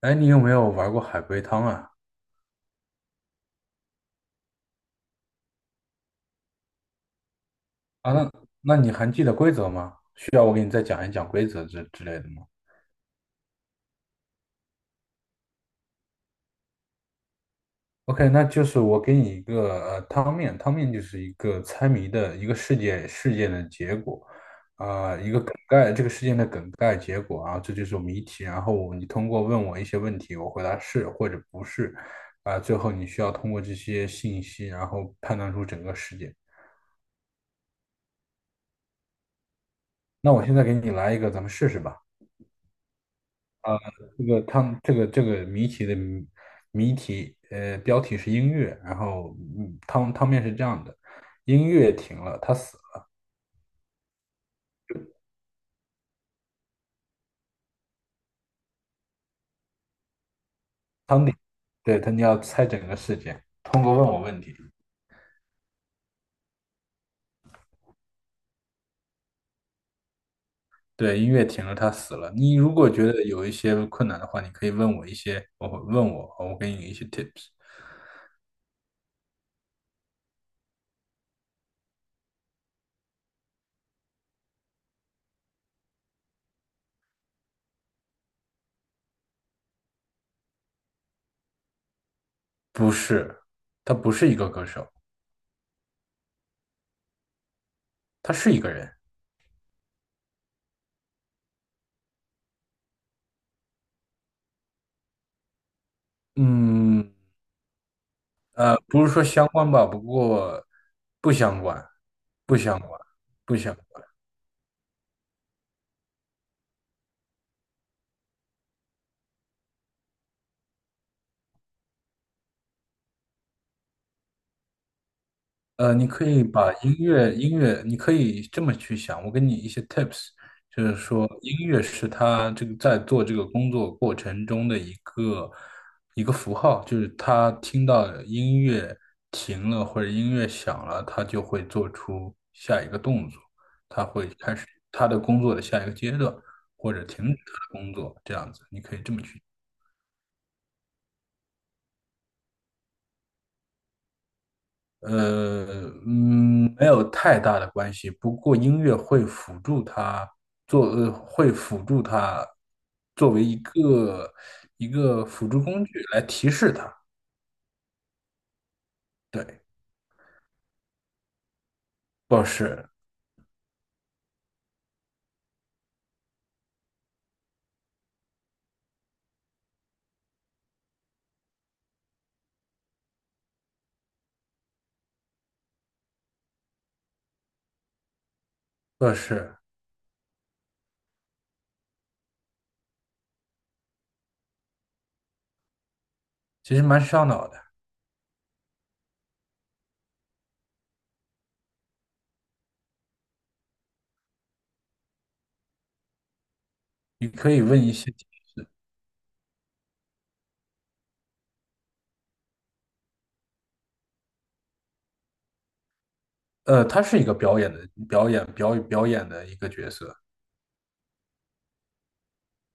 哎，你有没有玩过海龟汤啊？啊，那那你还记得规则吗？需要我给你再讲一讲规则之类的吗？OK，那就是我给你一个汤面，汤面就是一个猜谜的一个事件的结果，一个梗概，这个事件的梗概结果啊，这就是谜题。然后你通过问我一些问题，我回答是或者不是，最后你需要通过这些信息，然后判断出整个事件。那我现在给你来一个，咱们试试吧。啊，他们这个谜题，标题是音乐，然后汤面是这样的，音乐停了，他死了。对，他你要猜整个事件，通过问我问题。对，音乐停了，他死了，你如果觉得有一些困难的话，你可以问我一些，我会问我，我给你一些 tips。不是，他不是一个歌手，他是一个人。嗯，呃，不是说相关吧，不过不相关，不相关，不相呃，你可以把音乐，你可以这么去想。我给你一些 tips，就是说音乐是他这个在做这个工作过程中的一个符号，就是他听到音乐停了或者音乐响了，他就会做出下一个动作，他会开始他的工作的下一个阶段，或者停止他的工作，这样子，你可以这么去。没有太大的关系。不过音乐会辅助他做，会辅助他作为一个辅助工具来提示他。对，不是，不是。其实蛮烧脑的。你可以问一些。呃，他是一个表演的，表演的一个角色，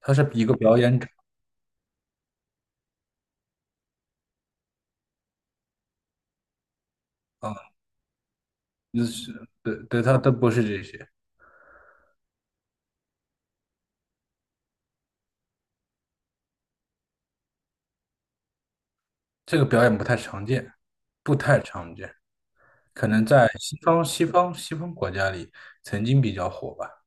他是一个表演者。啊，就是对对，他都不是这些。这个表演不太常见，不太常见。可能在西方国家里曾经比较火吧。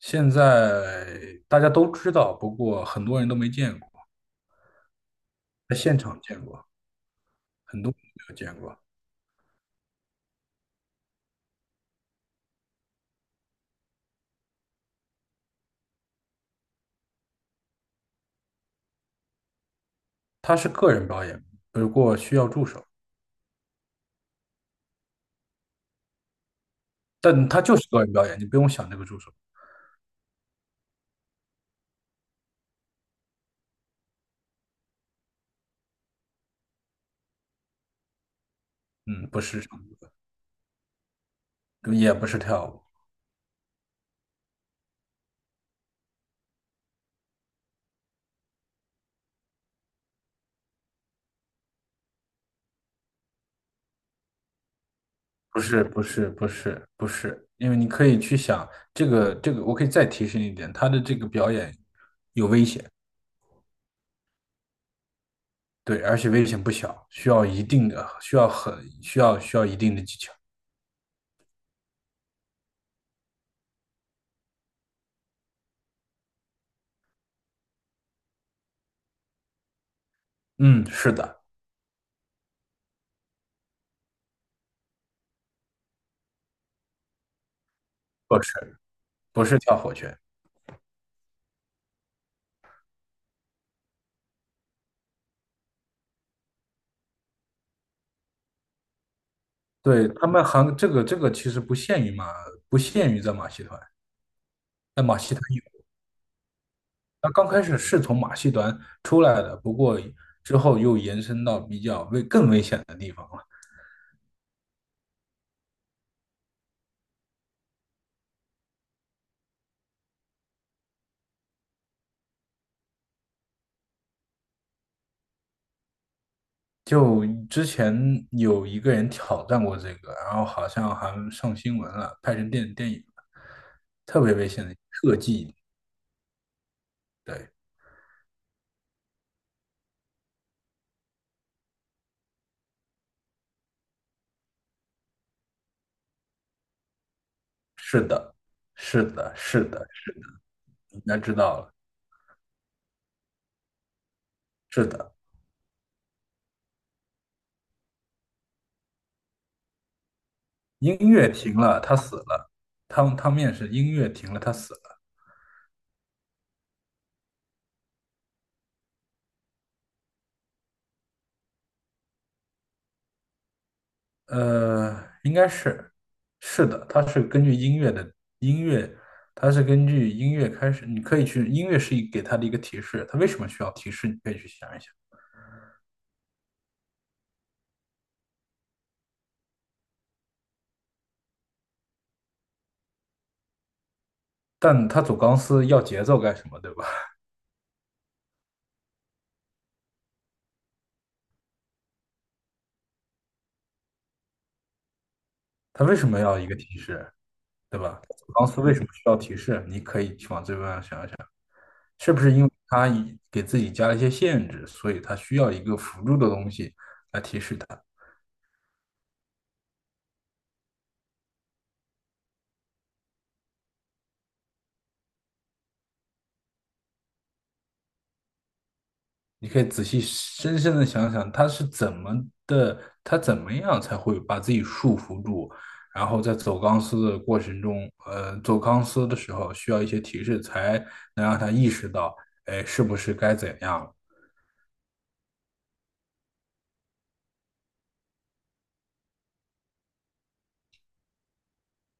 现在大家都知道，不过很多人都没见过，在现场见过，很多人没有见过。他是个人表演，不过需要助手，但他就是个人表演，你不用想这个助手。嗯，不是唱歌，也不是跳舞。不是，不是，不是，不是，因为你可以去想这个，我可以再提示你一点，他的这个表演有危险。对，而且危险不小，需要一定的，需要很需要需要一定的技巧。嗯，是的。不是不是跳火圈，对他们韩这个这个其实不限于马，不限于在马戏团，在马戏团有。它刚开始是从马戏团出来的，不过之后又延伸到比较更危险的地方了。就之前有一个人挑战过这个，然后好像还上新闻了，拍成电影了，特别危险的特技。对。是的，是的，是的。应该知道了。是的。音乐停了，他死了。汤面是音乐停了，他死了。呃，应该是，是的，音乐，它是根据音乐开始。你可以去，音乐是一给他的一个提示，他为什么需要提示？你可以去想一想。但他走钢丝要节奏干什么，对吧？他为什么要一个提示，对吧？走钢丝为什么需要提示？你可以去往这方面想一想。是不是因为他已给自己加了一些限制，所以他需要一个辅助的东西来提示他？你可以仔细深深的想想，他是怎么的，他怎么样才会把自己束缚住，然后在走钢丝的过程中，走钢丝的时候需要一些提示，才能让他意识到，哎，是不是该怎样了？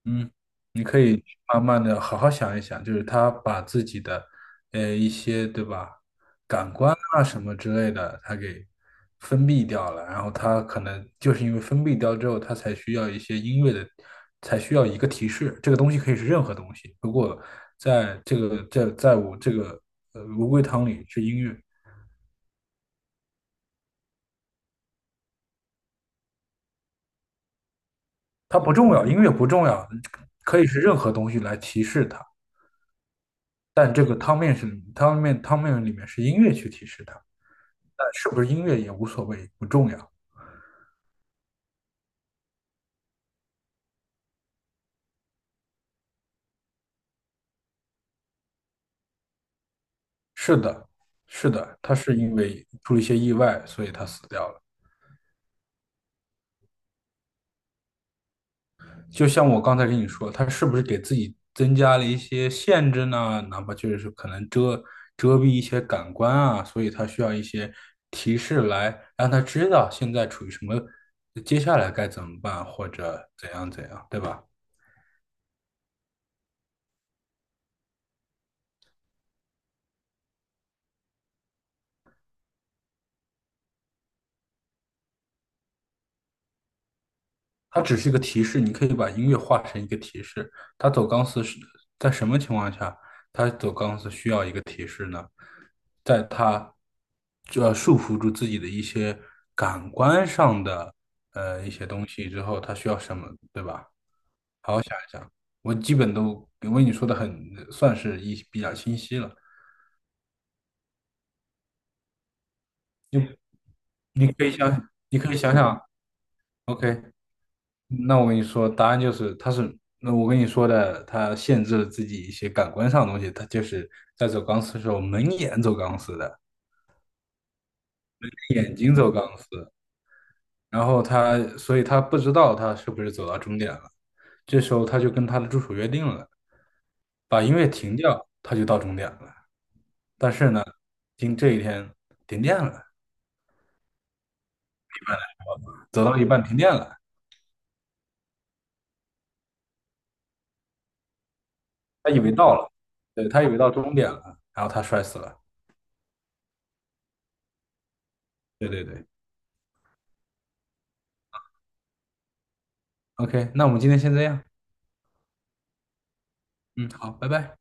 嗯，你可以慢慢的好好想一想，就是他把自己的一些对吧，感官啊什么之类的，他给封闭掉了，然后他可能就是因为封闭掉之后，他才需要一些音乐的，才需要一个提示，这个东西可以是任何东西，如果在这个在我这个乌龟汤里是音乐，它不重要，音乐不重要，可以是任何东西来提示它，但这个汤面是汤面里面是音乐去提示它。但是不是音乐也无所谓，不重要。是的，是的，他是因为出了一些意外，所以他死掉了。就像我刚才跟你说，他是不是给自己增加了一些限制呢？哪怕就是可能遮蔽一些感官啊，所以他需要一些提示来让他知道现在处于什么，接下来该怎么办，或者怎样怎样，对吧？它只是一个提示，你可以把音乐化成一个提示。它走钢丝是在什么情况下？它走钢丝需要一个提示呢？在它要束缚住自己的一些感官上的一些东西之后，它需要什么，对吧？我基本都因为你说的很算是一比较清晰了。你你可以想，你可以想想，OK，那我跟你说，答案就是，他是，那我跟你说的，他限制了自己一些感官上的东西。他就是在走钢丝的时候，蒙眼走钢丝的，眼睛走钢丝，然后他，所以他不知道他是不是走到终点了。这时候他就跟他的助手约定了，把音乐停掉，他就到终点了。但是呢，今这一天停电了，走到一半停电了，他以为到了，对，他以为到终点了，然后他摔死了。对对对，OK，那我们今天先这样，嗯，好，拜拜。